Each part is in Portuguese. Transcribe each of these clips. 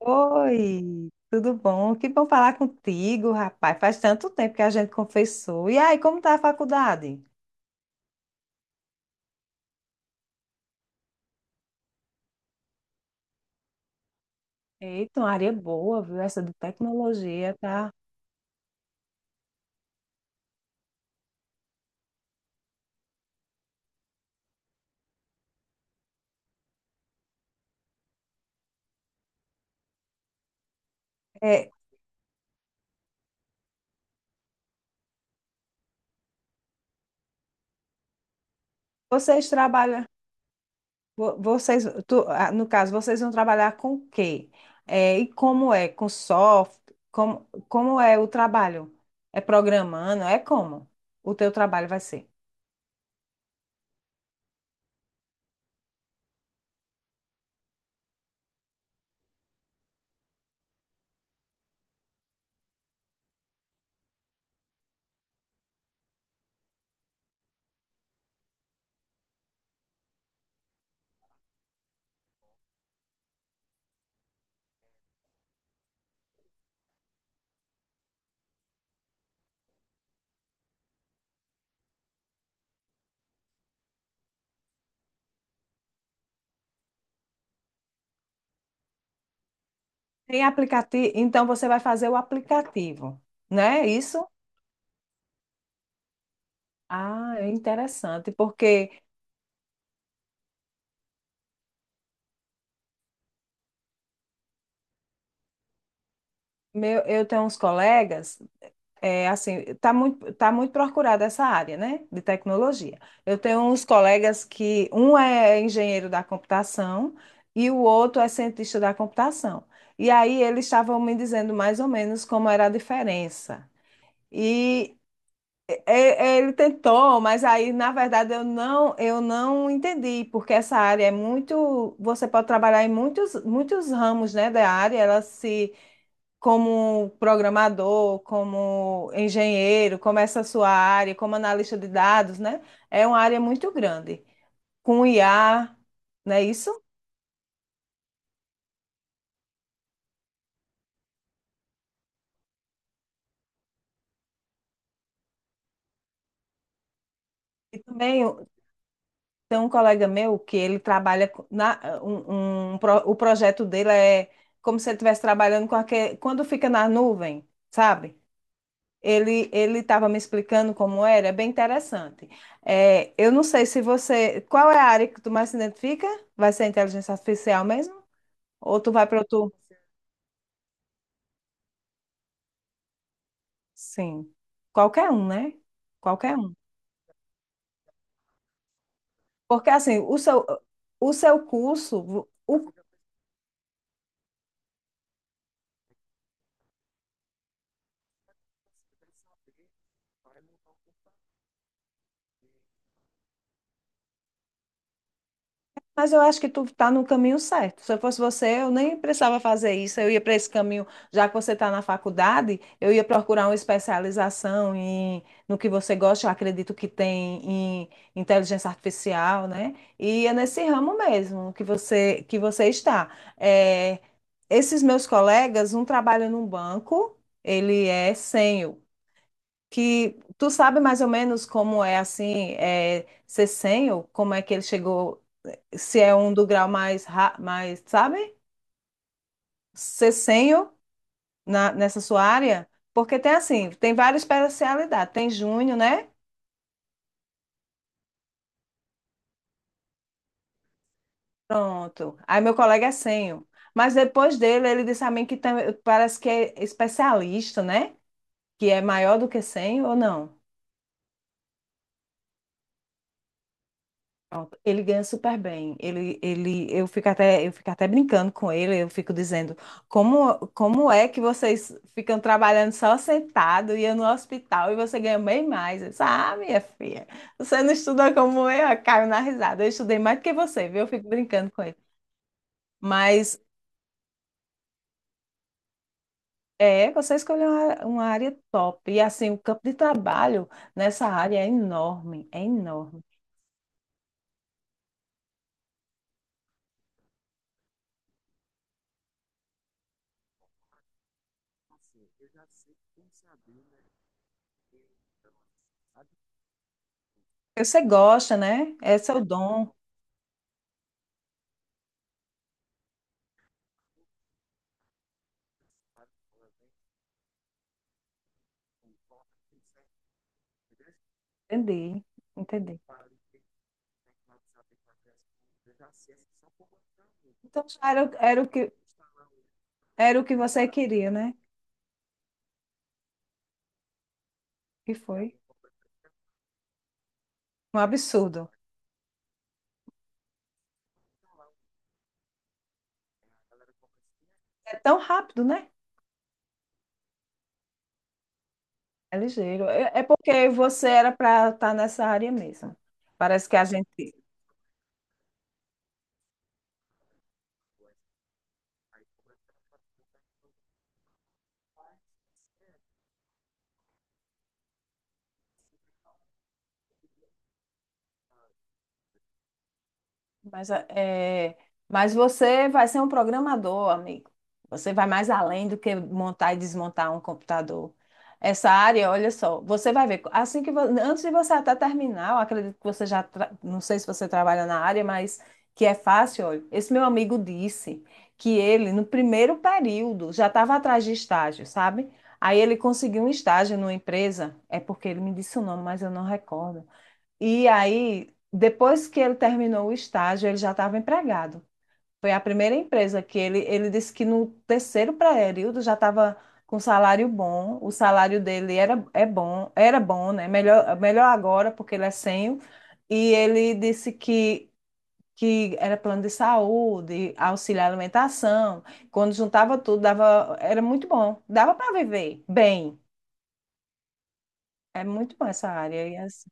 Oi, tudo bom? Que bom falar contigo, rapaz. Faz tanto tempo que a gente confessou. E aí, como tá a faculdade? Eita, uma área boa, viu? Essa de tecnologia, tá? É, vocês trabalham, vo- vocês, tu- ah, no caso, vocês vão trabalhar com o quê? É, e como é? Com software? Como é o trabalho? É programando? É como o teu trabalho vai ser? Tem aplicativo, então você vai fazer o aplicativo, né? Isso? Ah, é interessante, porque meu, eu tenho uns colegas, é, assim, tá muito procurada essa área, né, de tecnologia. Eu tenho uns colegas que um é engenheiro da computação e o outro é cientista da computação. E aí eles estavam me dizendo mais ou menos como era a diferença. Ele tentou, mas aí, na verdade, eu não entendi, porque essa área é muito. Você pode trabalhar em muitos, muitos ramos, né, da área, ela se. Como programador, como engenheiro, como essa sua área, como analista de dados, né? É uma área muito grande, com IA, não é isso? E também tem um colega meu que ele trabalha co- na um, um pro- o projeto dele é como se ele estivesse trabalhando com aquele, quando fica na nuvem, sabe? Ele estava me explicando como era, é bem interessante. É, eu não sei se você, qual é a área que tu mais se identifica? Vai ser inteligência artificial mesmo? Ou tu vai para outro? Sim, qualquer um, né? Qualquer um. Porque assim, o seu curso, o... Mas eu acho que tu tá no caminho certo. Se eu fosse você, eu nem precisava fazer isso. Eu ia para esse caminho, já que você está na faculdade, eu ia procurar uma especialização em, no que você gosta, eu acredito que tem em inteligência artificial, né? E é nesse ramo mesmo que você está. É, esses meus colegas, um trabalha num banco, ele é sênior, que tu sabe mais ou menos como é assim, é, ser sênior, como é que ele chegou, se é um do grau mais, ra- mais, sabe? Cessenho na, nessa sua área? Porque tem assim, tem várias especialidades. Tem júnior, né? Pronto. Aí meu colega é senho. Mas depois dele, ele disse a mim que tam- parece que é especialista, né? Que é maior do que senho ou não? Pronto, ele ganha super bem. Eu fico até brincando com ele. Eu fico dizendo, como é que vocês ficam trabalhando só sentado e eu no hospital e você ganha bem mais? Eu disse, ah, minha filha, você não estuda como eu. Eu caio na risada. Eu estudei mais do que você, viu? Eu fico brincando com ele. Mas é, você escolheu uma área top. E assim, o campo de trabalho nessa área é enorme, é enorme. Você gosta, né? Esse é o dom. Entendi, entendi. Então já era, era o que você queria, né? E foi um absurdo. É tão rápido, né? É ligeiro. É porque você era para estar nessa área mesmo. Parece que a gente... Mas, é, mas você vai ser um programador, amigo. Você vai mais além do que montar e desmontar um computador. Essa área, olha só, você vai ver, assim que vo- antes de você até terminar, eu acredito que você já, tra- não sei se você trabalha na área, mas que é fácil, olha. Esse meu amigo disse que ele, no primeiro período, já estava atrás de estágio, sabe? Aí ele conseguiu um estágio numa empresa, é porque ele me disse o nome, mas eu não recordo. E aí, depois que ele terminou o estágio, ele já estava empregado. Foi a primeira empresa que ele disse que no terceiro período já estava com um salário bom. O salário dele era, é bom, era bom, né? Melhor, melhor agora, porque ele é sênior. E ele disse que era plano de saúde, auxílio à alimentação. Quando juntava tudo, dava, era muito bom. Dava para viver bem. É muito bom essa área. E assim...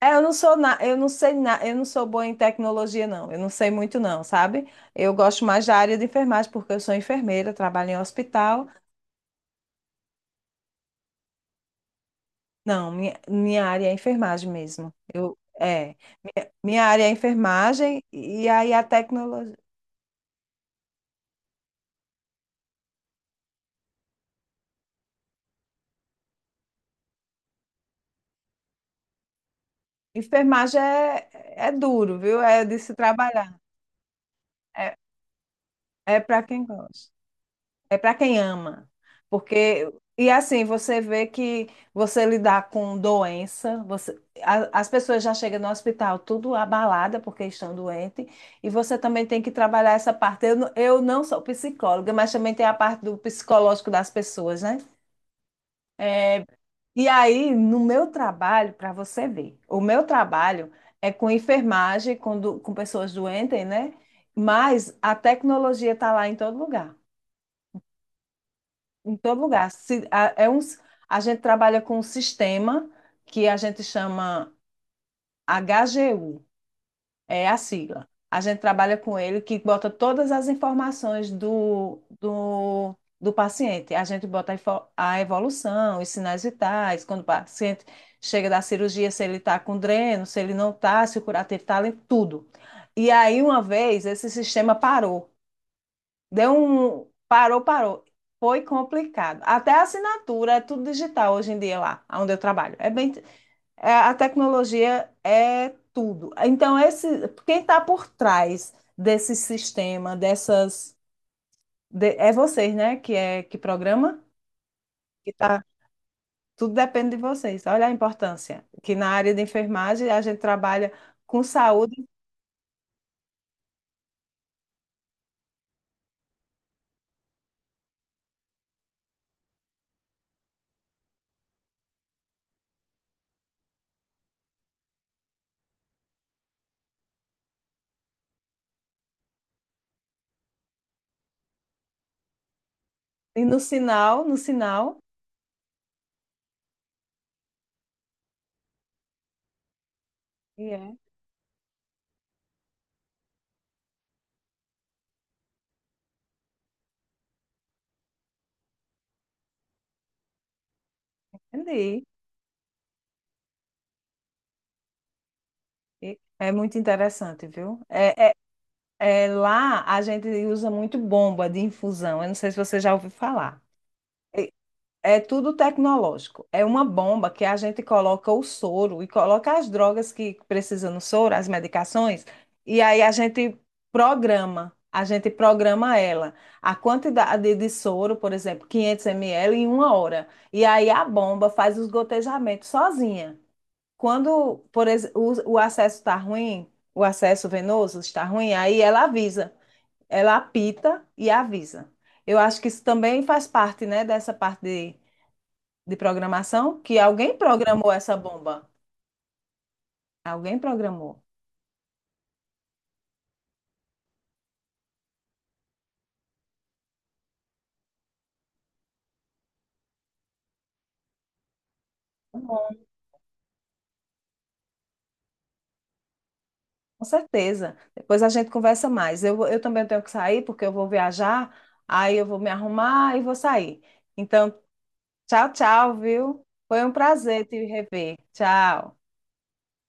É, eu não sou boa em tecnologia não. Eu não sei muito não, sabe? Eu gosto mais da área de enfermagem porque eu sou enfermeira, trabalho em hospital. Não, minha área é enfermagem mesmo. Eu é, minha área é enfermagem e aí a tecnologia... Enfermagem é, duro, viu? É de se trabalhar. É, é para quem gosta. É para quem ama. Porque, e assim, você vê que você lidar com doença, você, as pessoas já chegam no hospital tudo abalada porque estão doentes, e você também tem que trabalhar essa parte. Eu, não sou psicóloga, mas também tem a parte do psicológico das pessoas, né? É, e aí, no meu trabalho, para você ver, o meu trabalho é com enfermagem, com pessoas doentes, né? Mas a tecnologia está lá em todo lugar. Em todo lugar. É um... A gente trabalha com um sistema que a gente chama HGU, é a sigla. A gente trabalha com ele que bota todas as informações do paciente. A gente bota a evolução, os sinais vitais, quando o paciente chega da cirurgia, se ele está com dreno, se ele não está, se o curativo está limpo, tudo. E aí, uma vez, esse sistema parou. Deu um. Parou, parou. Foi complicado. Até a assinatura é tudo digital hoje em dia lá, onde eu trabalho. É bem, a tecnologia é tudo. Então, quem está por trás desse sistema, é vocês, né? Que é que programa? Que tá, tudo depende de vocês. Olha a importância. Que na área de enfermagem a gente trabalha com saúde e no sinal, no sinal. E é. Entendi. E é muito interessante, viu? É, é... É, lá a gente usa muito bomba de infusão. Eu não sei se você já ouviu falar. É, é tudo tecnológico. É uma bomba que a gente coloca o soro e coloca as drogas que precisam no soro, as medicações, e aí a gente programa. A gente programa ela. A quantidade de soro, por exemplo, 500 ml em uma hora. E aí a bomba faz os gotejamentos sozinha. Quando, o acesso está ruim, o acesso venoso está ruim, aí ela apita e avisa. Eu acho que isso também faz parte, né, dessa parte de programação, que alguém programou essa bomba. Alguém programou. Bom, com certeza. Depois a gente conversa mais. Eu também tenho que sair, porque eu vou viajar, aí eu vou me arrumar e vou sair. Então, tchau, tchau, viu? Foi um prazer te rever. Tchau.